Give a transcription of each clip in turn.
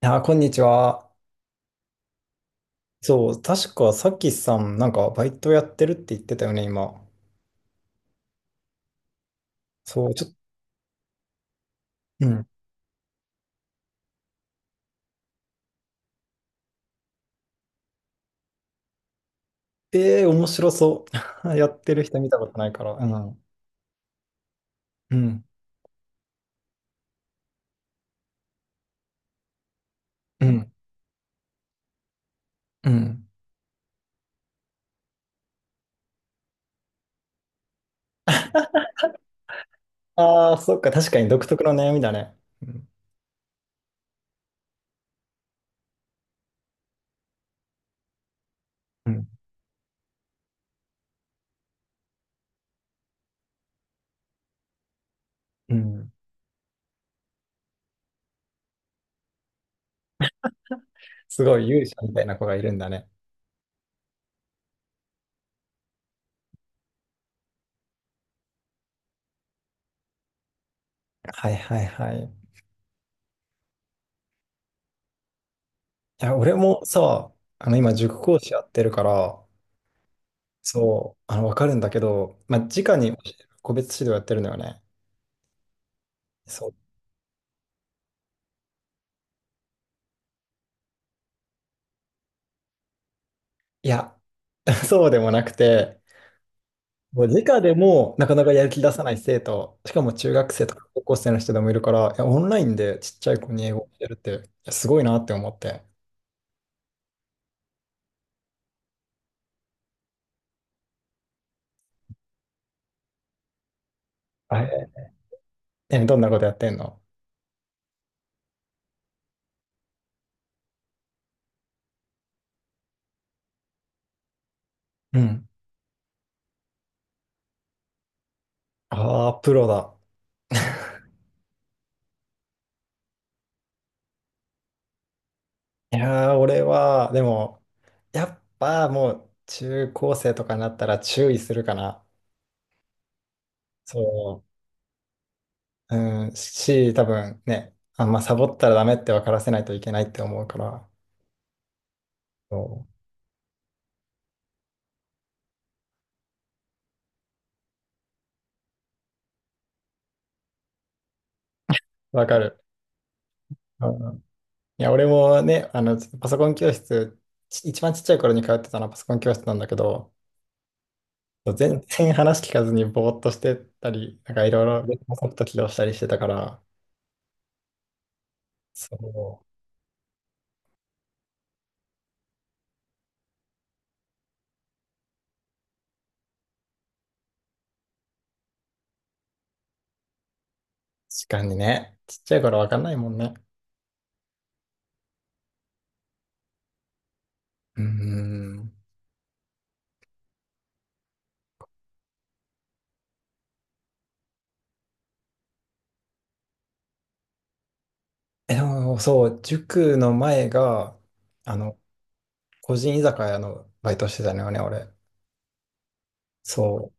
いやー、こんにちは。そう、確かさきさん、なんかバイトやってるって言ってたよね、今。そう、ちょっと、うん。ええー面白そう。やってる人見たことないから。うん。うん。うん。うん。ああ、そっか、確かに独特の悩みだね。うん。うん。うん。すごい勇者みたいな子がいるんだね。はいはいはい。いや、俺もさ、今、塾講師やってるから、そう、わかるんだけど、直に教える個別指導やってるのよね。いや、そうでもなくて、もう直でもなかなかやる気出さない生徒、しかも中学生とか高校生の人でもいるから、いや、オンラインでちっちゃい子に英語を教えるって、いやすごいなって思って。あ、どんなことやってんの？うん。ああ、プロだ。いやー、俺は、でも、やっぱもう中高生とかになったら注意するかな。そう。うん、多分ね、あんまサボったらダメって分からせないといけないって思うから。そう。わかる。いや、俺もね、パソコン教室、一番ちっちゃい頃に通ってたのはパソコン教室なんだけど、全然話聞かずにぼーっとしてたり、なんかいろいろ別のソフト起動したりしてたから、そう、確かにね、ちっちゃい頃わかんないもんね。うーん。え、でもそう、塾の前が、あの、個人居酒屋のバイトしてたのよね、俺。そ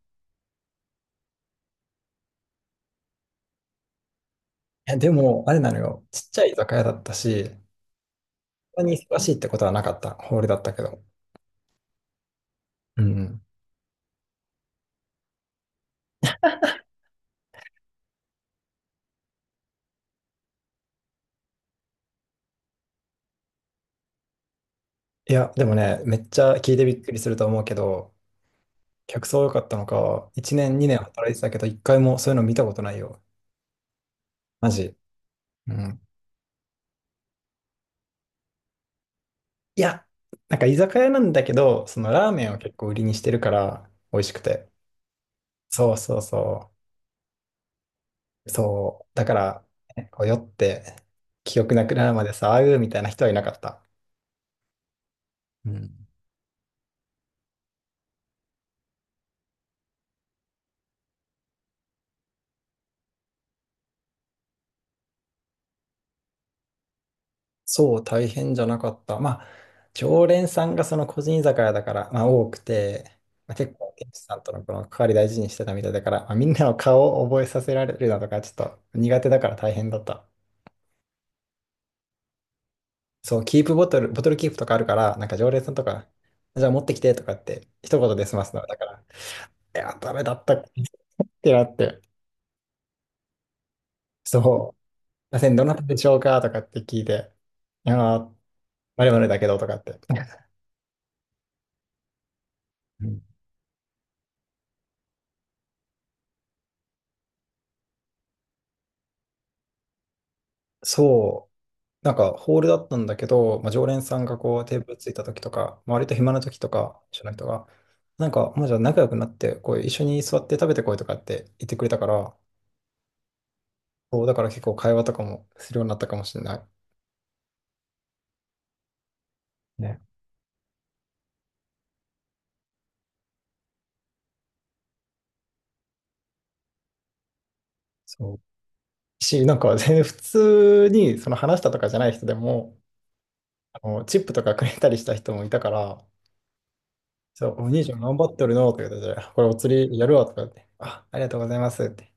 う。え、でも、あれなのよ、ちっちゃい居酒屋だったし、そんなに忙しいってことはなかった、ホールだったけど。うん。いや、でもね、めっちゃ聞いてびっくりすると思うけど、客層良かったのか、1年、2年働いてたけど、1回もそういうの見たことないよ。マジ。うん。いや、なんか居酒屋なんだけど、そのラーメンを結構売りにしてるから、美味しくて。そうそうそう。そう。だから、ねこう酔って、記憶なくなるまでさ、あうみたいな人はいなかった。うん。そう、大変じゃなかった。まあ、常連さんがその個人居酒屋だから、まあ、多くて、まあ、結構、店主さんとのこの関わり大事にしてたみたいだから、まあ、みんなの顔を覚えさせられるなとか、ちょっと苦手だから大変だった。そう、キープボトル、ボトルキープとかあるから、なんか常連さんとか、じゃあ持ってきてとかって、一言で済ますの。だから、いや、ダメだったってなって、そう、すいません、どなたでしょうかとかって聞いて、いやー、まるまるだけどとかって。うん。そう。なんかホールだったんだけど、まあ、常連さんがこうテーブルついた時とか、まあ、割と暇な時とか、一緒の人が、なんかまあじゃあ仲良くなって、こう一緒に座って食べてこいとかって言ってくれたから、そうだから結構会話とかもするようになったかもしれない。ね。そう。なんか全然普通にその話したとかじゃない人でも、あのチップとかくれたりした人もいたから、そう、お兄ちゃん頑張ってるのとか言ってて、これお釣りやるわとか言って、あ、ありがとうございますって。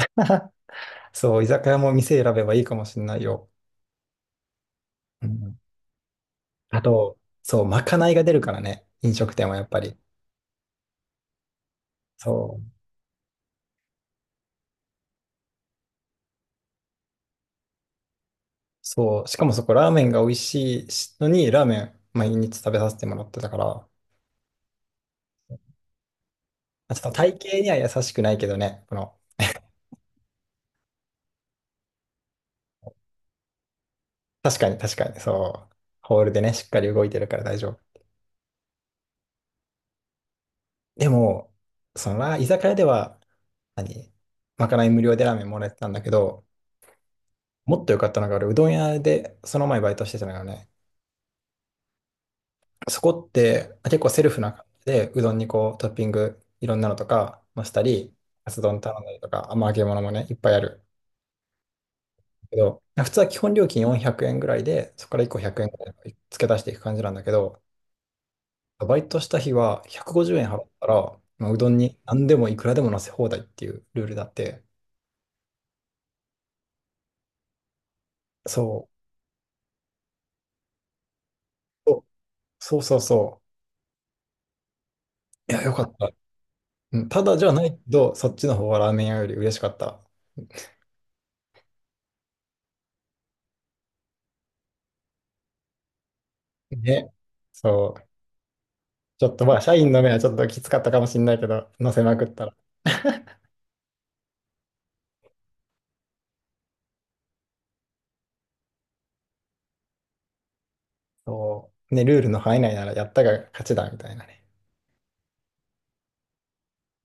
そう、居酒屋も店選べばいいかもしれないよ。うん。あと、そう、まかないが出るからね、飲食店はやっぱり。そう、そう、しかもそこ、ラーメンが美味しいのに、ラーメン毎日食べさせてもらってたから、ちょっと体型には優しくないけどね、この、確かに確かに、そう、ホールでね、しっかり動いてるから大丈夫。でも、そのラ、居酒屋では、何、まかない無料でラーメンもらえてたんだけど、もっと良かったのが、俺、うどん屋で、その前バイトしてたのよね。そこって、あ、結構セルフな感じで、うどんにこうトッピングいろんなのとか、ましたり、カツ丼頼んだりとか、あ、まあ揚げ物もね、いっぱいあるけど、普通は基本料金400円ぐらいで、そこから1個100円ぐらい付け足していく感じなんだけど、バイトした日は150円払ったら、まあうどんに何でもいくらでも乗せ放題っていうルールだって、そう、お、そうそうそいや、よかった。うん、ただじゃないけど、そっちの方がラーメン屋より嬉しかった。ね。そう。ちょっとまあ、社員の目はちょっときつかったかもしれないけど、乗せまくったら。そう。ね、ルールの範囲内ならやったが勝ちだ、みたいなね。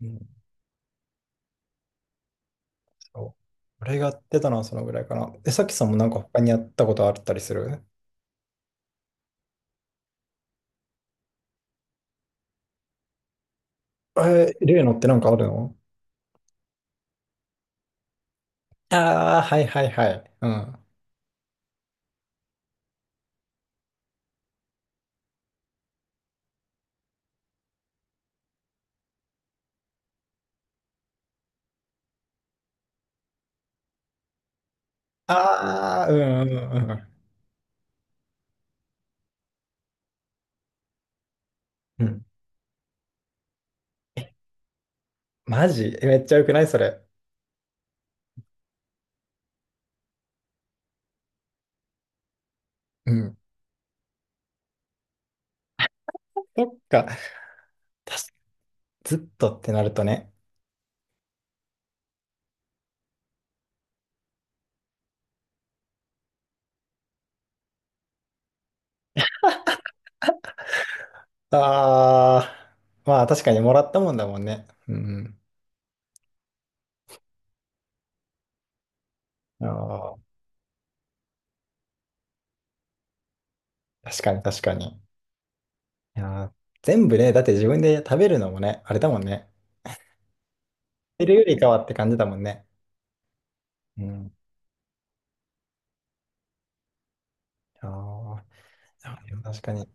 うん。そう。俺がやってたのはそのぐらいかな。え、さきさんもなんか他にやったことあったりする？えー、例のってなんかあるの？ああー、はいはいはい。うん。ああ、うんうんうんうん。うん。マジ？え、めっちゃ良くないそれ？うん。そっか。確かずっとってなるとね。ああ、まあ確かにもらったもんだもんね。うん。うん。ああ。確かに確かに。いやー、全部ね、だって自分で食べるのもね、あれだもんね。食べるよりかはって感じだもんね。うん。ああでも確かに。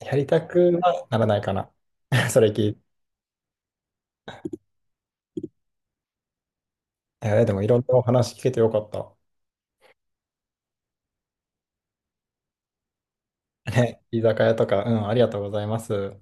やりたくはならないかな。それ聞いて。いやでもいろんなお話聞けてよかった。ね、居酒屋とか、うん、ありがとうございます。